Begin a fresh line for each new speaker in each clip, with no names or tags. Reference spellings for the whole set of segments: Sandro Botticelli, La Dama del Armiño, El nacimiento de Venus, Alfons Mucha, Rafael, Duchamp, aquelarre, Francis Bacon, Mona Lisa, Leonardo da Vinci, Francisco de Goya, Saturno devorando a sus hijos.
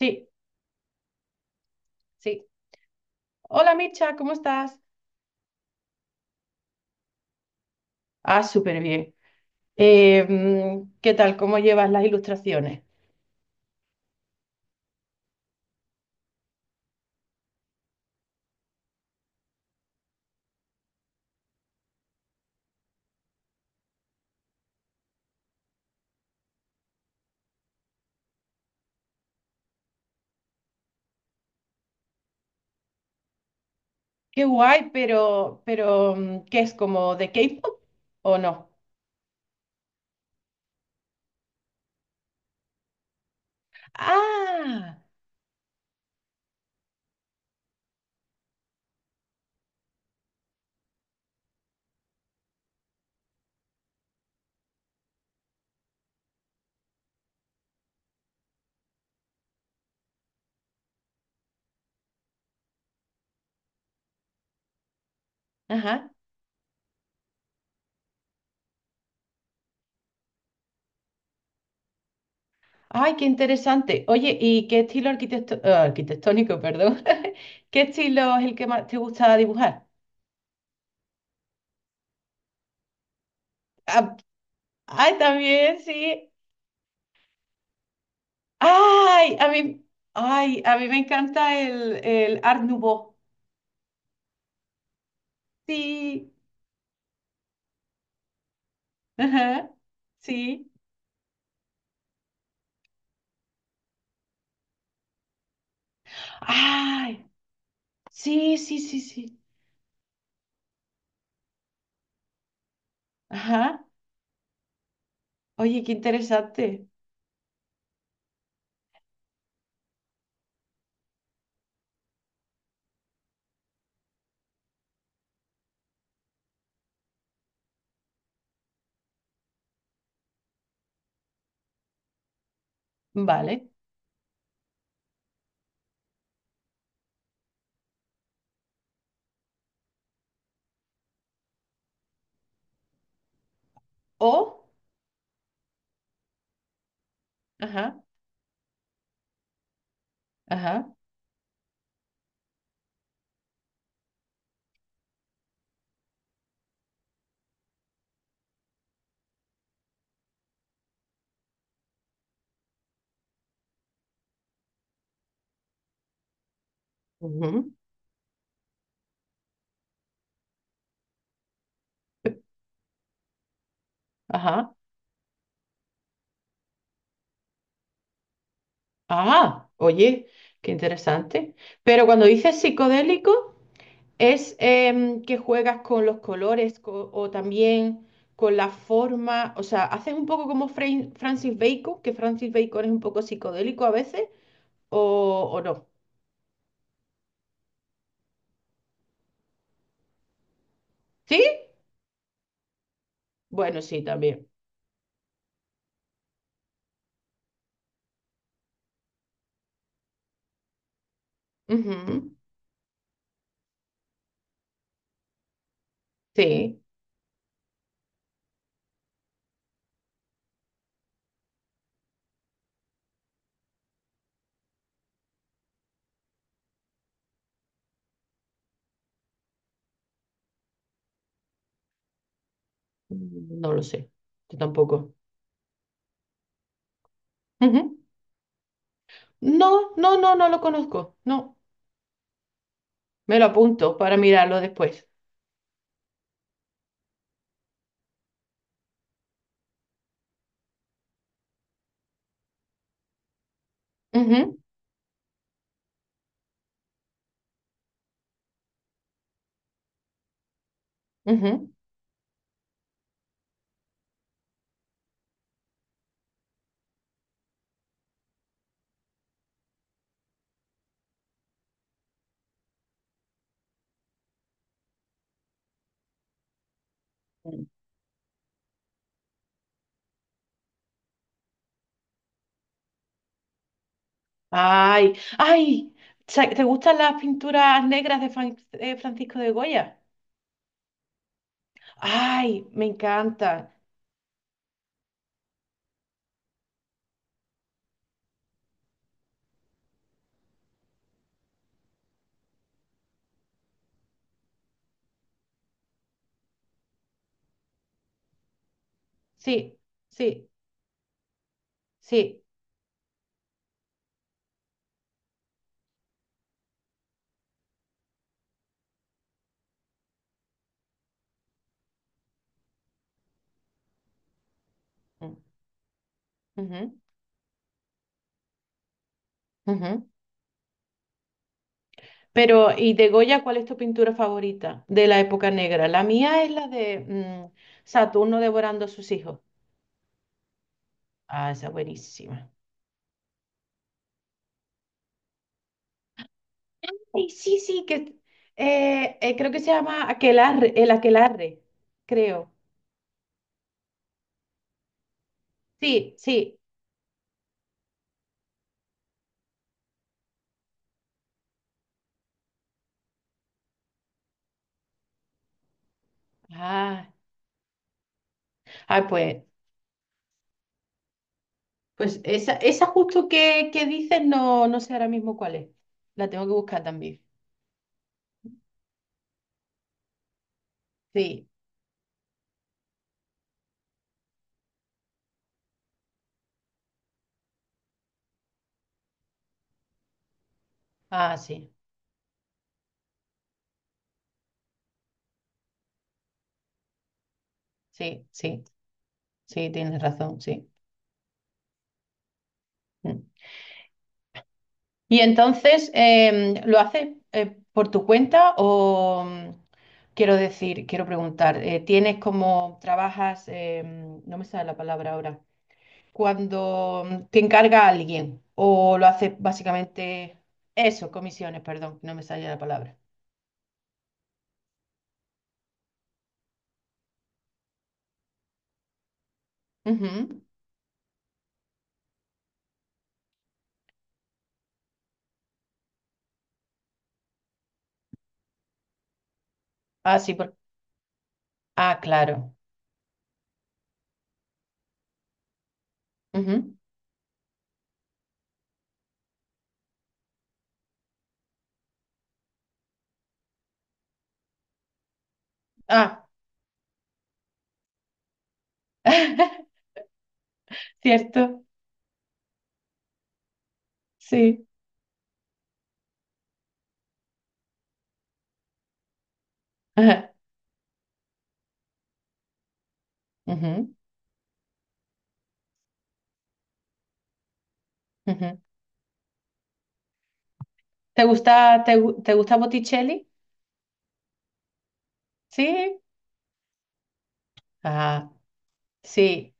Sí, sí. Hola Micha, ¿cómo estás? Ah, súper bien. ¿Qué tal? ¿Cómo llevas las ilustraciones? Qué guay, pero ¿qué es como de K-pop o no? Ah, ajá. Ay, qué interesante. Oye, ¿y qué estilo arquitectónico, perdón? ¿Qué estilo es el que más te gusta dibujar? Ah, ay, también, sí. Ay, a mí, ay, a mí me encanta el Art Nouveau. Sí, ajá, sí. Ay, sí, sí, sí, sí. Ajá. Oye, qué interesante. Vale. O, ajá, ajá, ujú, ajá. Ah, oye, qué interesante. Pero cuando dices psicodélico, ¿es que juegas con los colores o también con la forma? O sea, ¿haces un poco como Francis Bacon, que Francis Bacon es un poco psicodélico a veces, o no? ¿Sí? Bueno, sí, también. Ujú. Sí, no lo sé. Yo tampoco. Ujú. No, no, no, no lo conozco. No, me lo apunto para mirarlo después. Ujú, ujú. Ay, ay, ¿te gustan las pinturas negras de Francisco de Goya? Ay, me encanta. Sí, sí, sí. Mm, ujú, ujú. Pero, ¿y de Goya cuál es tu pintura favorita de la época negra? La mía es la de Saturno devorando a sus hijos. Ah, esa es buenísima. Sí, sí, sí, que creo que se llama aquelarre, el aquelarre, creo. Sí, sí. Ah, ah, pues, pues esa justo que dices, no, no sé ahora mismo cuál es. La tengo que buscar también. Sí, ah, sí, sí, sí, sí, tienes razón, sí. Mm. Y entonces, ¿lo haces por tu cuenta o quiero decir, quiero preguntar, ¿tienes como, trabajas, no me sale la palabra ahora? Cuando te encarga alguien o lo hace básicamente eso, comisiones, perdón, no me salía la palabra. Ujú. Ah, sí, por... ah, claro. Ujú. Ah, cierto, sí. Ajá. Ujú, ujú. Te gusta Botticelli? Sí. Ah, sí.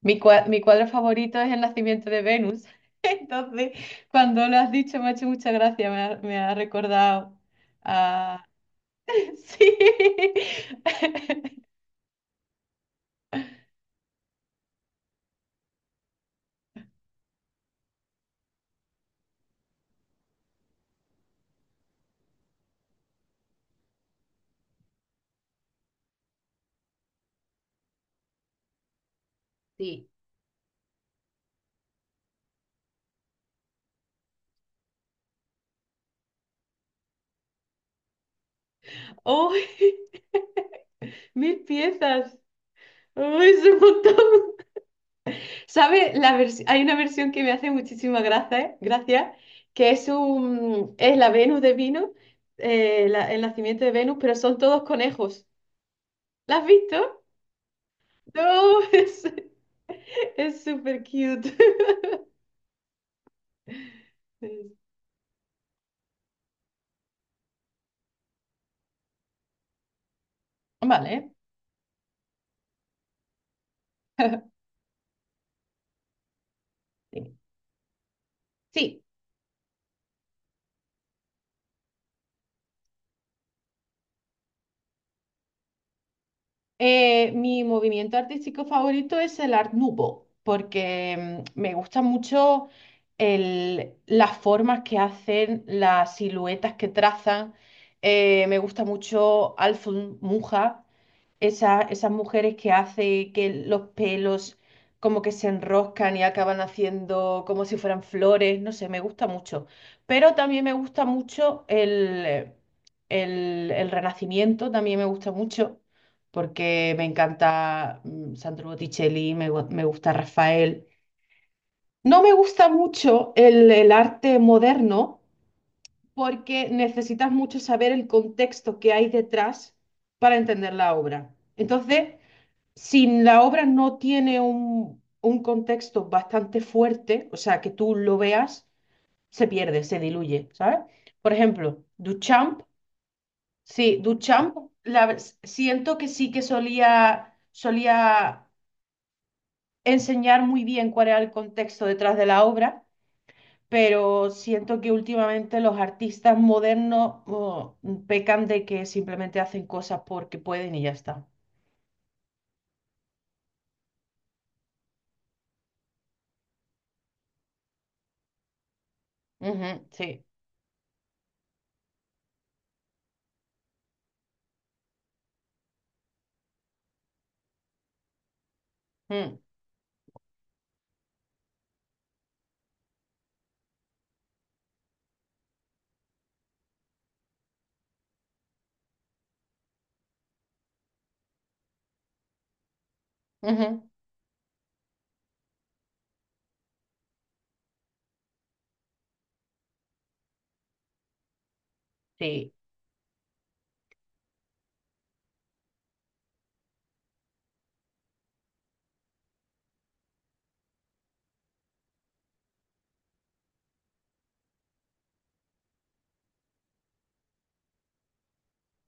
Mi cuadro favorito es El nacimiento de Venus. Entonces, cuando lo has dicho, me ha hecho mucha gracia, me ha recordado sí. Sí. Uy, mil piezas. Uy, es un montón. ¿Sabe? Hay una versión que me hace muchísima gracia, que es un es la Venus de vino, el nacimiento de Venus, pero son todos conejos. ¿La has visto? No, es súper cute. Vale. Sí. Mi movimiento artístico favorito es el Art Nouveau, porque me gusta mucho las formas que hacen, las siluetas que trazan. Me gusta mucho Alfons Mucha, esas mujeres que hace que los pelos como que se enroscan y acaban haciendo como si fueran flores, no sé, me gusta mucho. Pero también me gusta mucho el Renacimiento, también me gusta mucho, porque me encanta Sandro Botticelli, me gusta Rafael. No me gusta mucho el arte moderno porque necesitas mucho saber el contexto que hay detrás para entender la obra. Entonces, si la obra no tiene un contexto bastante fuerte, o sea, que tú lo veas, se pierde, se diluye, ¿sabes? Por ejemplo, Duchamp, sí, Duchamp, siento que sí que solía enseñar muy bien cuál era el contexto detrás de la obra, pero siento que últimamente los artistas modernos oh, pecan de que simplemente hacen cosas porque pueden y ya está. Ujú, sí, mm, ujú, sí.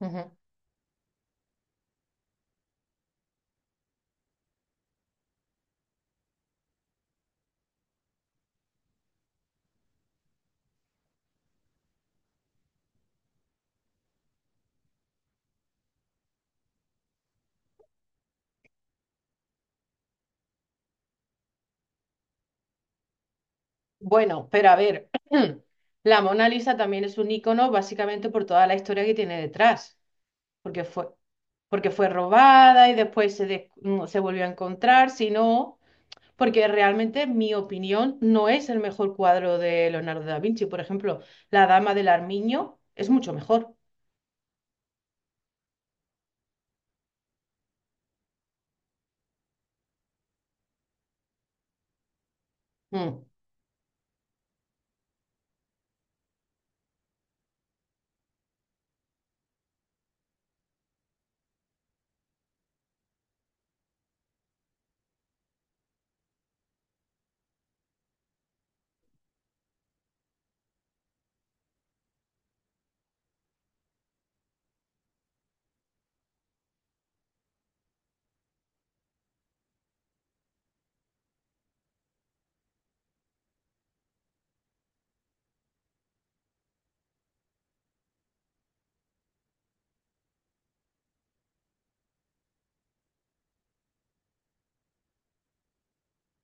Ujú. Bueno, pero a ver, la Mona Lisa también es un icono básicamente por toda la historia que tiene detrás, porque fue, porque fue robada y después se volvió a encontrar, si no, porque realmente, en mi opinión, no es el mejor cuadro de Leonardo da Vinci. Por ejemplo, La Dama del Armiño es mucho mejor. Mm,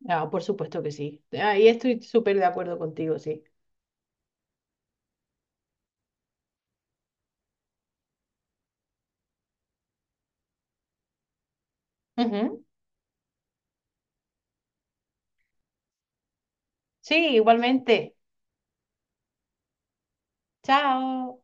ah, por supuesto que sí. Ahí estoy súper de acuerdo contigo, sí. Ujú. Sí, igualmente. Chao.